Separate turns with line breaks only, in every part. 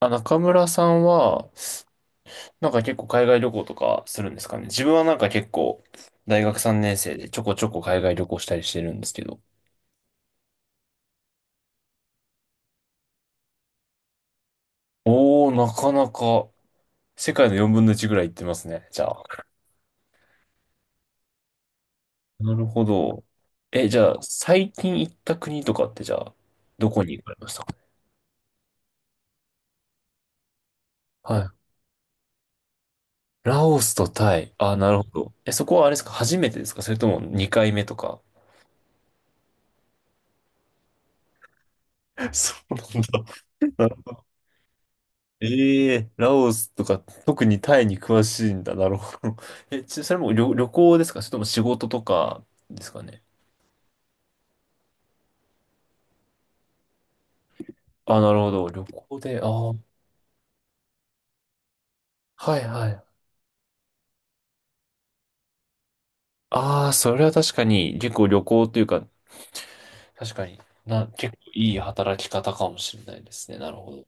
あ、中村さんは、なんか結構海外旅行とかするんですかね。自分はなんか結構、大学3年生でちょこちょこ海外旅行したりしてるんですけど。おー、なかなか、世界の4分の1ぐらい行ってますね、じゃあ。なるほど。え、じゃあ、最近行った国とかってじゃあ、どこに行かれましたか？はい。ラオスとタイ。あ、なるほど。え、そこはあれですか？初めてですか？それとも2回目とか？ そうなんだ。ええ、ラオスとか、特にタイに詳しいんだ。なるほど。え、それも旅行ですか？それとも仕事とかですかね。あ、なるほど。旅行で、ああ、はいはい。ああ、それは確かに、結構旅行というか、確かにな、結構いい働き方かもしれないですね。なるほど。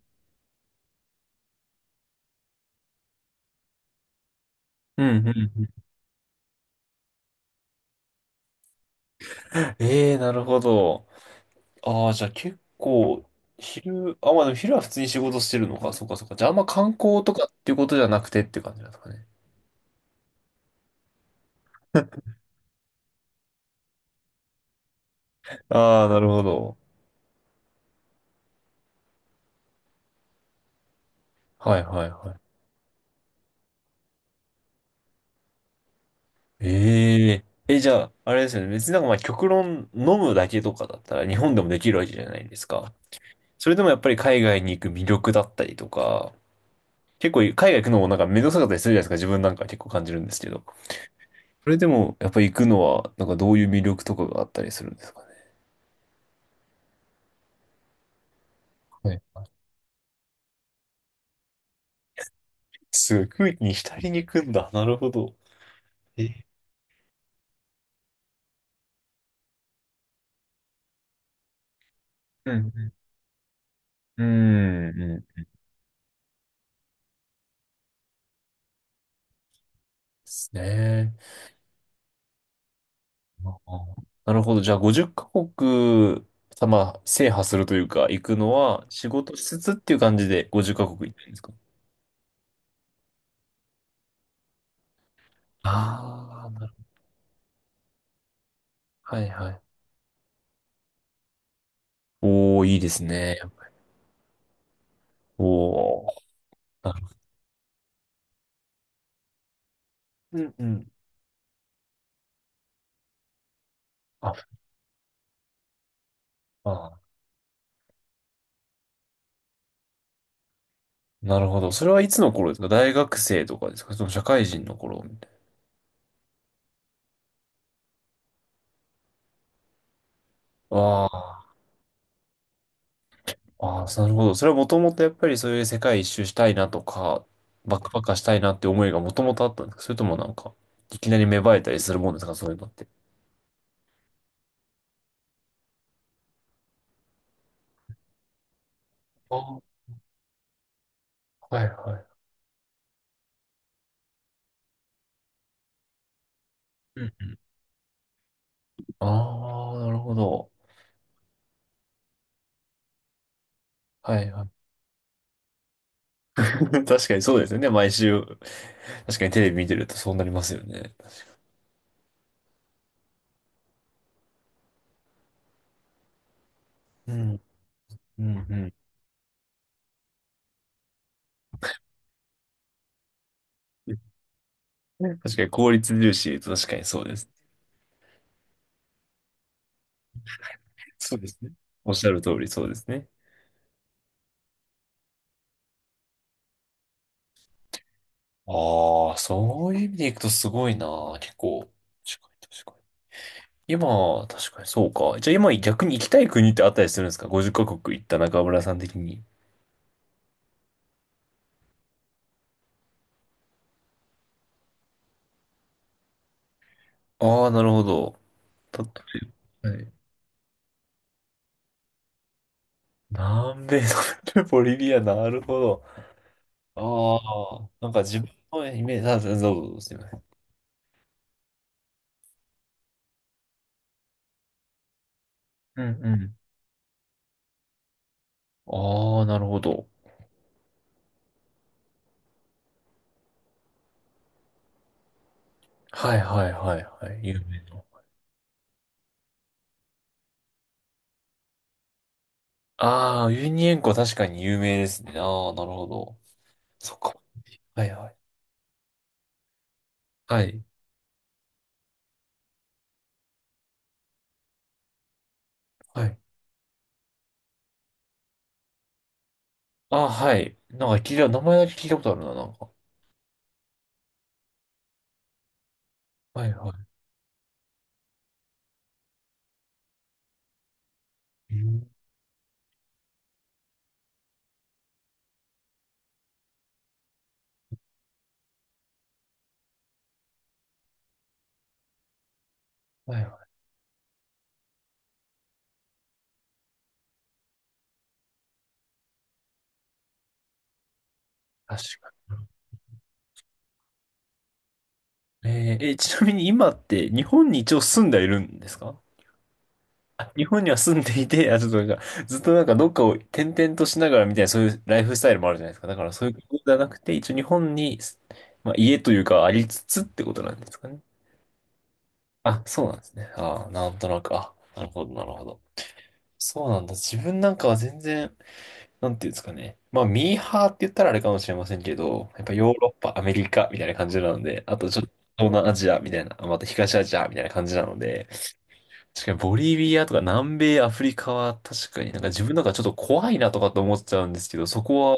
うんうんうん。ええ、なるほど。ああ、じゃあ結構、昼、あ、まあでも昼は普通に仕事してるのか。そうかそうか。じゃああんま観光とかっていうことじゃなくてって感じなんですかね。ああ、なるほど。はいはいはい。えええ、じゃあ、あれですよね。別になんかまあ極論飲むだけとかだったら日本でもできるわけじゃないですか。それでもやっぱり海外に行く魅力だったりとか、結構海外行くのもなんか面倒くさかったりするじゃないですか。自分なんか結構感じるんですけど。それでもやっぱり行くのはなんかどういう魅力とかがあったりするんですかね。はい。すごい、空気に浸りに行くんだ。なるほど。え、うんうん。うん、うん。ですね。あーなるほど。じゃあ、50カ国、まあ、制覇するというか、行くのは、仕事しつつっていう感じで50カ国行ったんですか？ああー、なるほど。はいはい。おー、いいですね。おー。なるうんうん。あ、あなるほど。それはいつの頃ですか？大学生とかですか？その社会人の頃みたいな。なるほど。それはもともとやっぱりそういう世界一周したいなとか、バックパッカーしたいなって思いがもともとあったんですか？それともなんか、いきなり芽生えたりするもんですかそういうのって。あーはいはい。うん。ああ、なるほど。はいはい。確かにそうですよね。毎週。確かにテレビ見てるとそうなりますよね。うん、うん、うん。ね、確かに効率重視と、確かにそうです。そうですね。おっしゃる通りそうですね。ああ、そういう意味でいくとすごいな。結構。確かに確かに。今、確かにそうか。じゃあ今逆に行きたい国ってあったりするんですか？ 50 カ国行った中村さん的に。ああ、なるほど。はい。南米の ボリビア、なるほど。ああ、なんか自分のイメージ、あ、どうぞ、どうぞすいません。うんうん。ああ、なるほど。はいはいはいはい。有名な。ああ、ウユニ塩湖確かに有名ですね。ああ、なるほど。そっか。はいはい。はい。はい。ああ、はい。なんか聞いた、名前だけ聞いたことあるな、なんか。はいはい。うん、はいはい。確かに。えーえ、ちなみに今って日本に一応住んでいるんですか？あ、日本には住んでいて、あ、ちょっとなんか、ずっとなんかどっかを転々としながらみたいな、そういうライフスタイルもあるじゃないですか。だからそういうことじゃなくて、一応日本に、まあ、家というかありつつってことなんですかね。あ、そうなんですね。ああ、なんとなく、あ、なるほど、なるほど。そうなんだ。自分なんかは全然、なんていうんですかね。まあ、ミーハーって言ったらあれかもしれませんけど、やっぱヨーロッパ、アメリカみたいな感じなので、あとちょっと東南アジアみたいな、あ、また東アジアみたいな感じなので、確かにボリビアとか南米アフリカは確かになんか自分なんかちょっと怖いなとかと思っちゃうんですけど、そこは、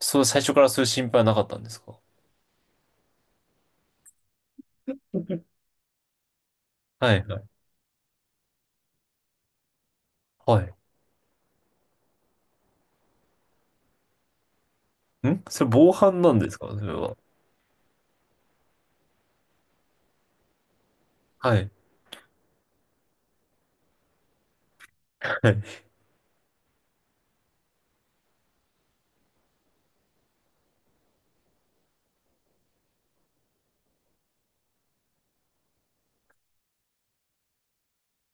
そう、最初からそういう心配はなかったんですか？はいはい。はい。それ防犯なんですかそれは。はい。はい。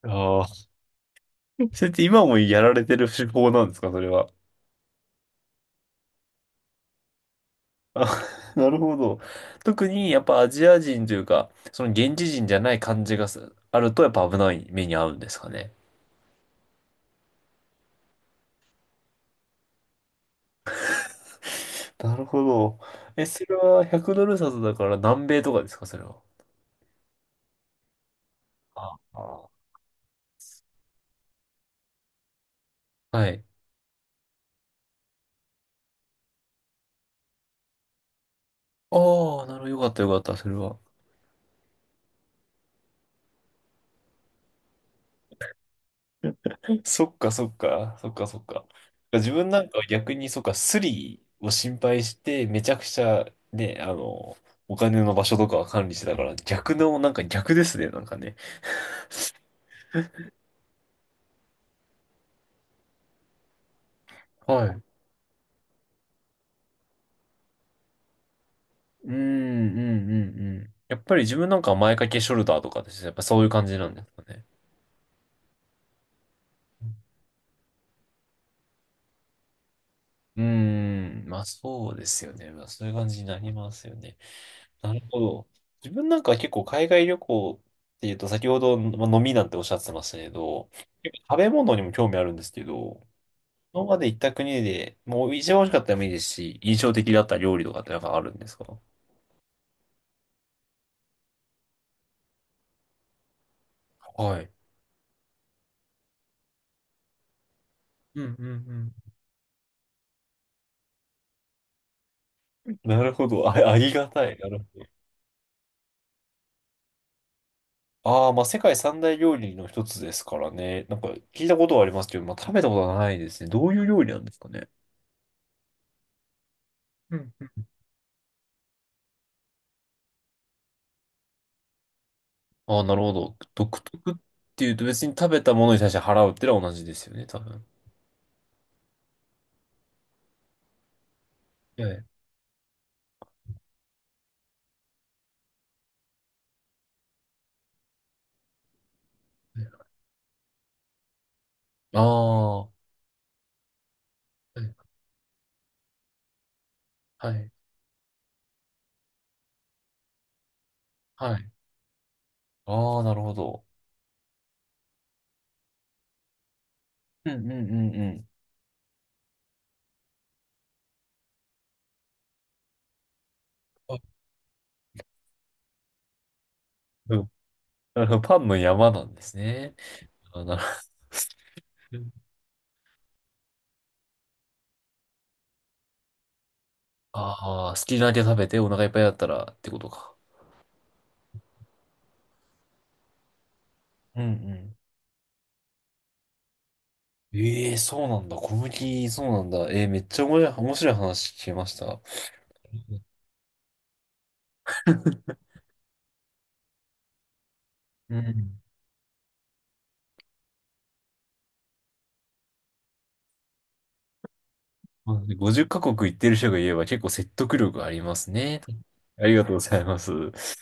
ああ。それって今もやられてる手法なんですかそれは。あ、なるほど。特にやっぱアジア人というか、その現地人じゃない感じがすあるとやっぱ危ない目に遭うんですかね。なるほど。え、それは100ドル札だから南米とかですか、それは。ああ、はい。ああ、なるほど。よかった、よかった、それは。そっかそっか、そっかそっか。自分なんかは逆にそっか、スリを心配して、めちゃくちゃね、あの、お金の場所とかは管理してたから、逆の、なんか逆ですね、なんかね。はい。うん、うん、うん、うん。やっぱり自分なんかは前掛けショルダーとかですね、やっぱそういう感じなんですかね。うん、まあそうですよね。まあそういう感じになりますよね。なるほど。自分なんかは結構海外旅行っていうと、先ほど、まあ飲みなんておっしゃってましたけど、結構食べ物にも興味あるんですけど、今まで行った国で、もう一番美味しかったらもいいですし、印象的だった料理とかってなんかあるんですか？はい。うんうんうん。なるほど。あ、ありがたい。なるほど。ああ、まあ世界三大料理の一つですからね。なんか聞いたことはありますけど、まあ食べたことはないですね。どういう料理なんですかね。ああ、なるほど。独特っていうと別に食べたものに対して払うってのは同じですよね、多分。ええ。ああ、はい、はい。はい、ああ、なるほど。うんうんうんうん。あ、うん、なるほど、パンの山なんですね。あ、なるほど。ああ、好きなだけ食べてお腹いっぱいだったらってことか。うんうん。ええ、そうなんだ。小麦、そうなんだ。ええ、めっちゃ面白い、面白い話聞けました。うん。まあ50カ国行ってる人が言えば結構説得力ありますね。ありがとうございます。